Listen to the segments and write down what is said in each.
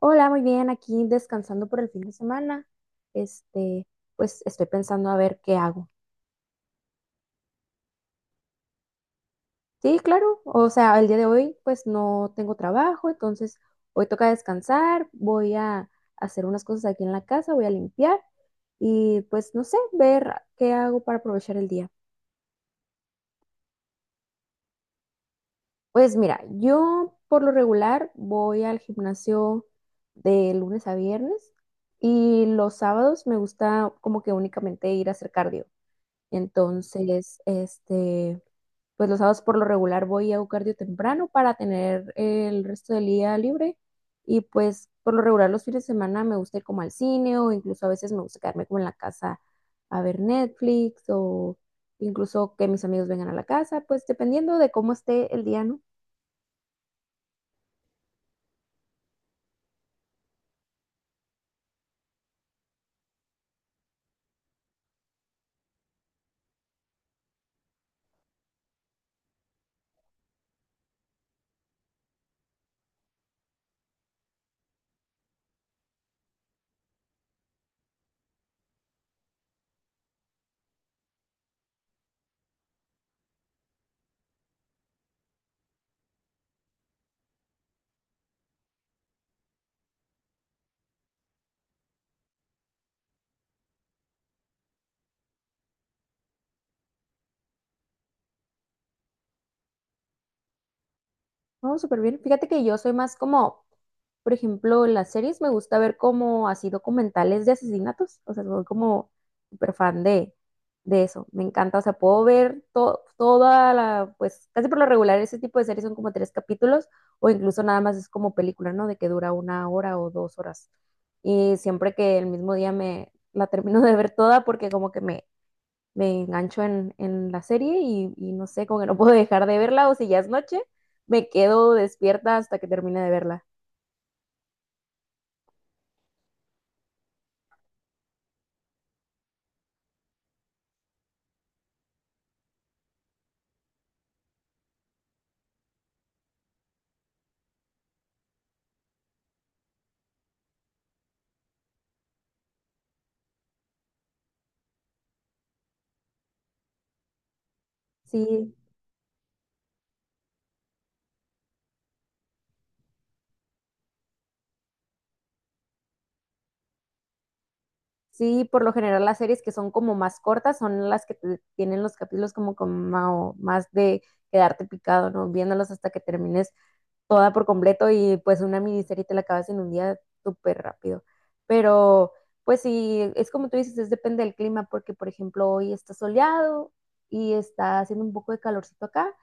Hola, muy bien, aquí descansando por el fin de semana. Este, pues estoy pensando a ver qué hago. Sí, claro, o sea, el día de hoy pues no tengo trabajo, entonces hoy toca descansar, voy a hacer unas cosas aquí en la casa, voy a limpiar y pues no sé, ver qué hago para aprovechar el día. Pues mira, yo por lo regular voy al gimnasio de lunes a viernes y los sábados me gusta como que únicamente ir a hacer cardio. Entonces, este, pues los sábados por lo regular voy a cardio temprano para tener el resto del día libre. Y pues por lo regular los fines de semana me gusta ir como al cine o incluso a veces me gusta quedarme como en la casa a ver Netflix o incluso que mis amigos vengan a la casa, pues dependiendo de cómo esté el día, ¿no? No, súper bien. Fíjate que yo soy más como, por ejemplo, en las series me gusta ver como así documentales de asesinatos. O sea, soy como súper fan de eso. Me encanta. O sea, puedo ver toda la, pues casi por lo regular ese tipo de series son como tres capítulos o incluso nada más es como película, ¿no? De que dura una hora o dos horas. Y siempre que el mismo día me la termino de ver toda porque como que me engancho en la serie y no sé, como que no puedo dejar de verla o si ya es noche, me quedo despierta hasta que termine de verla. Sí, sí, por lo general las series que son como más cortas son las que tienen los capítulos como más de quedarte picado, ¿no? Viéndolos hasta que termines toda por completo y pues una miniserie te la acabas en un día súper rápido. Pero pues sí, es como tú dices, es depende del clima, porque por ejemplo hoy está soleado y está haciendo un poco de calorcito acá,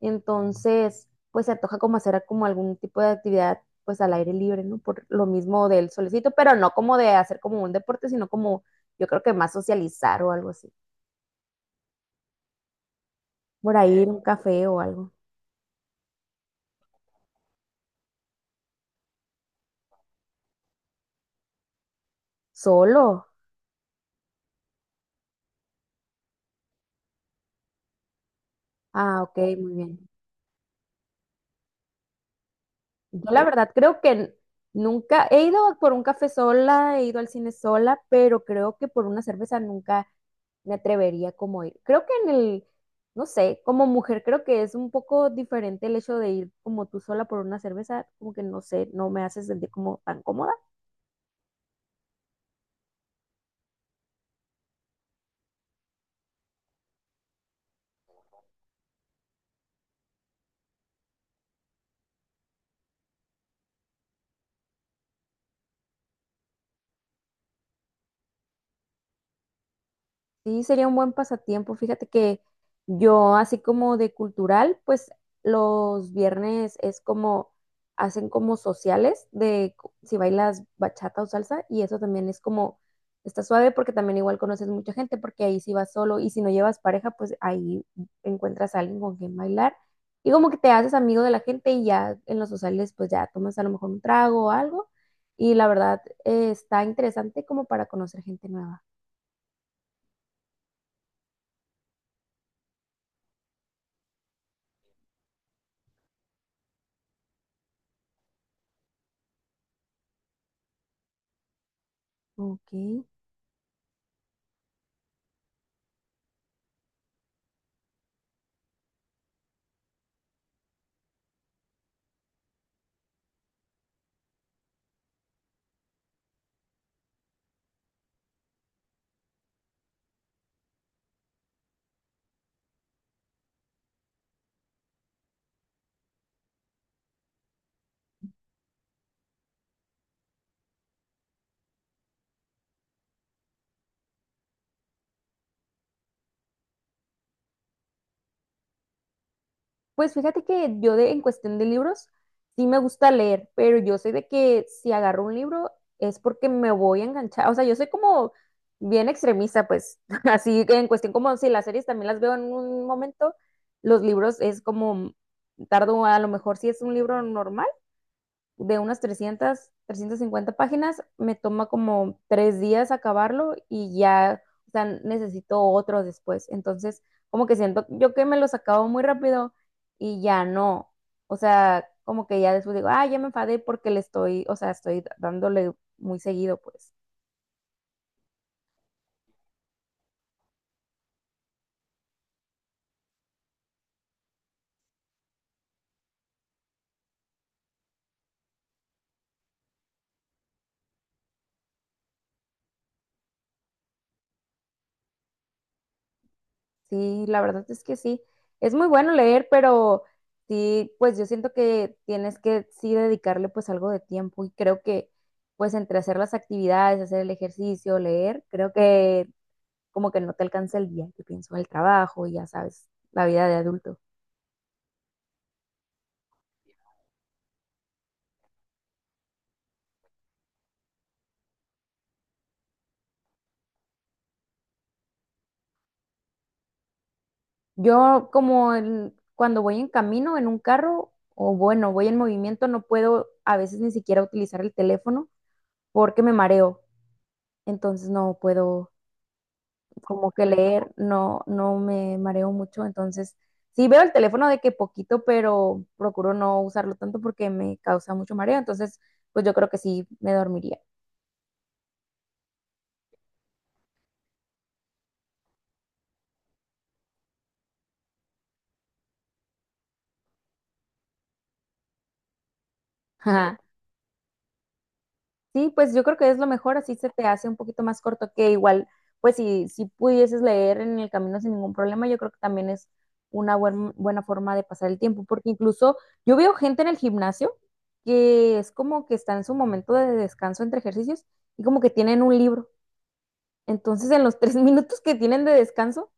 entonces pues se antoja como hacer como algún tipo de actividad pues al aire libre, ¿no? Por lo mismo del solecito, pero no como de hacer como un deporte, sino como yo creo que más socializar o algo así. Por ahí ir a un café o algo. Solo. Ah, ok, muy bien. Yo la verdad creo que nunca he ido por un café sola, he ido al cine sola, pero creo que por una cerveza nunca me atrevería como a ir. Creo que en el, no sé, como mujer creo que es un poco diferente el hecho de ir como tú sola por una cerveza, como que no sé, no me hace sentir como tan cómoda. Sí, sería un buen pasatiempo. Fíjate que yo, así como de cultural, pues los viernes es como, hacen como sociales de si bailas bachata o salsa y eso también es como, está suave porque también igual conoces mucha gente porque ahí si vas solo y si no llevas pareja, pues ahí encuentras a alguien con quien bailar y como que te haces amigo de la gente y ya en los sociales pues ya tomas a lo mejor un trago o algo y la verdad está interesante como para conocer gente nueva. Ok. Pues fíjate que yo en cuestión de libros, sí me gusta leer, pero yo sé de que si agarro un libro es porque me voy a enganchar. O sea, yo soy como bien extremista, pues así que en cuestión como si las series también las veo en un momento, los libros es como tardo a lo mejor si es un libro normal de unas 300, cincuenta páginas, me toma como tres días acabarlo y ya, o sea, necesito otro después. Entonces, como que siento yo que me los acabo muy rápido y ya no. O sea, como que ya después digo, ah, ya me enfadé porque le estoy, o sea, estoy dándole muy seguido, pues. Sí, la verdad es que sí. Es muy bueno leer, pero sí, pues yo siento que tienes que sí dedicarle pues algo de tiempo y creo que pues entre hacer las actividades, hacer el ejercicio, leer, creo que como que no te alcanza el día, que pienso el trabajo y ya sabes, la vida de adulto. Yo como cuando voy en camino, en un carro, o bueno, voy en movimiento, no puedo a veces ni siquiera utilizar el teléfono porque me mareo, entonces no puedo como que leer no, no me mareo mucho, entonces sí veo el teléfono de que poquito, pero procuro no usarlo tanto porque me causa mucho mareo, entonces pues yo creo que sí me dormiría. Sí, pues yo creo que es lo mejor, así se te hace un poquito más corto que igual, pues si, si pudieses leer en el camino sin ningún problema, yo creo que también es una buena forma de pasar el tiempo, porque incluso yo veo gente en el gimnasio que es como que está en su momento de descanso entre ejercicios y como que tienen un libro. Entonces, en los tres minutos que tienen de descanso,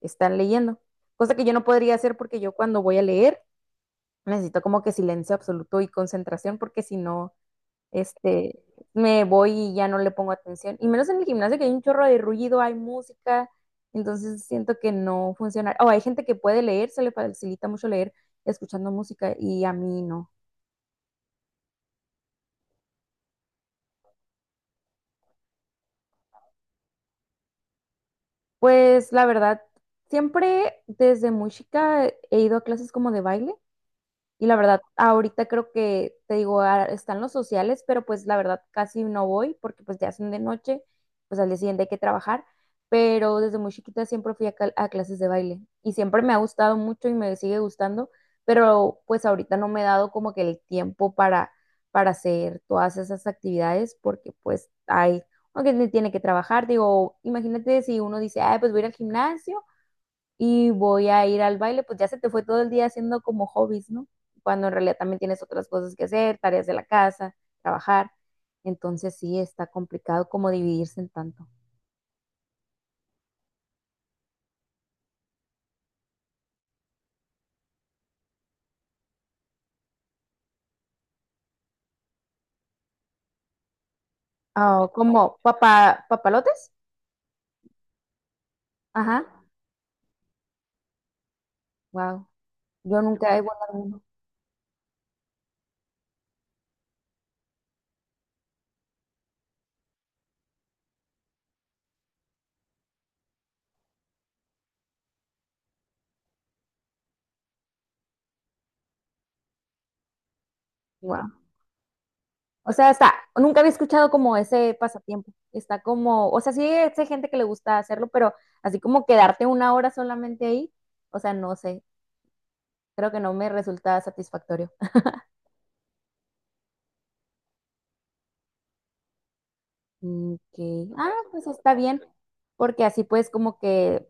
están leyendo, cosa que yo no podría hacer porque yo cuando voy a leer necesito como que silencio absoluto y concentración, porque si no este, me voy y ya no le pongo atención. Y menos en el gimnasio que hay un chorro de ruido, hay música, entonces siento que no funciona. O hay gente que puede leer, se le facilita mucho leer escuchando música y a mí no. Pues la verdad, siempre desde muy chica he ido a clases como de baile. Y la verdad, ahorita creo que, te digo, ah, están los sociales, pero pues la verdad casi no voy porque pues ya son de noche, pues al día siguiente hay que trabajar, pero desde muy chiquita siempre fui a clases de baile y siempre me ha gustado mucho y me sigue gustando, pero pues ahorita no me he dado como que el tiempo para hacer todas esas actividades porque pues hay, aunque tiene que trabajar, digo, imagínate si uno dice, ay, pues voy a ir al gimnasio y voy a ir al baile, pues ya se te fue todo el día haciendo como hobbies, ¿no? Cuando en realidad también tienes otras cosas que hacer, tareas de la casa, trabajar. Entonces sí, está complicado como dividirse en tanto. Ah, como papalotes. Ajá. Wow. Yo nunca he guardado uno. Wow. O sea, está, nunca había escuchado como ese pasatiempo. Está como, o sea, sí hay gente que le gusta hacerlo, pero así como quedarte una hora solamente ahí, o sea, no sé, creo que no me resulta satisfactorio. Mm, ok. Ah, pues está bien, porque así puedes como que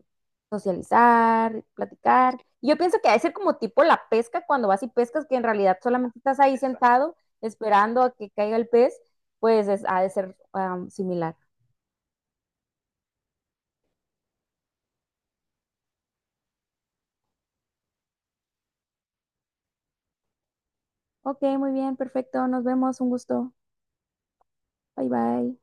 socializar, platicar. Yo pienso que ha de ser como tipo la pesca, cuando vas y pescas, que en realidad solamente estás ahí sentado esperando a que caiga el pez, pues es, ha de ser am, similar. Ok, muy bien, perfecto, nos vemos, un gusto. Bye bye.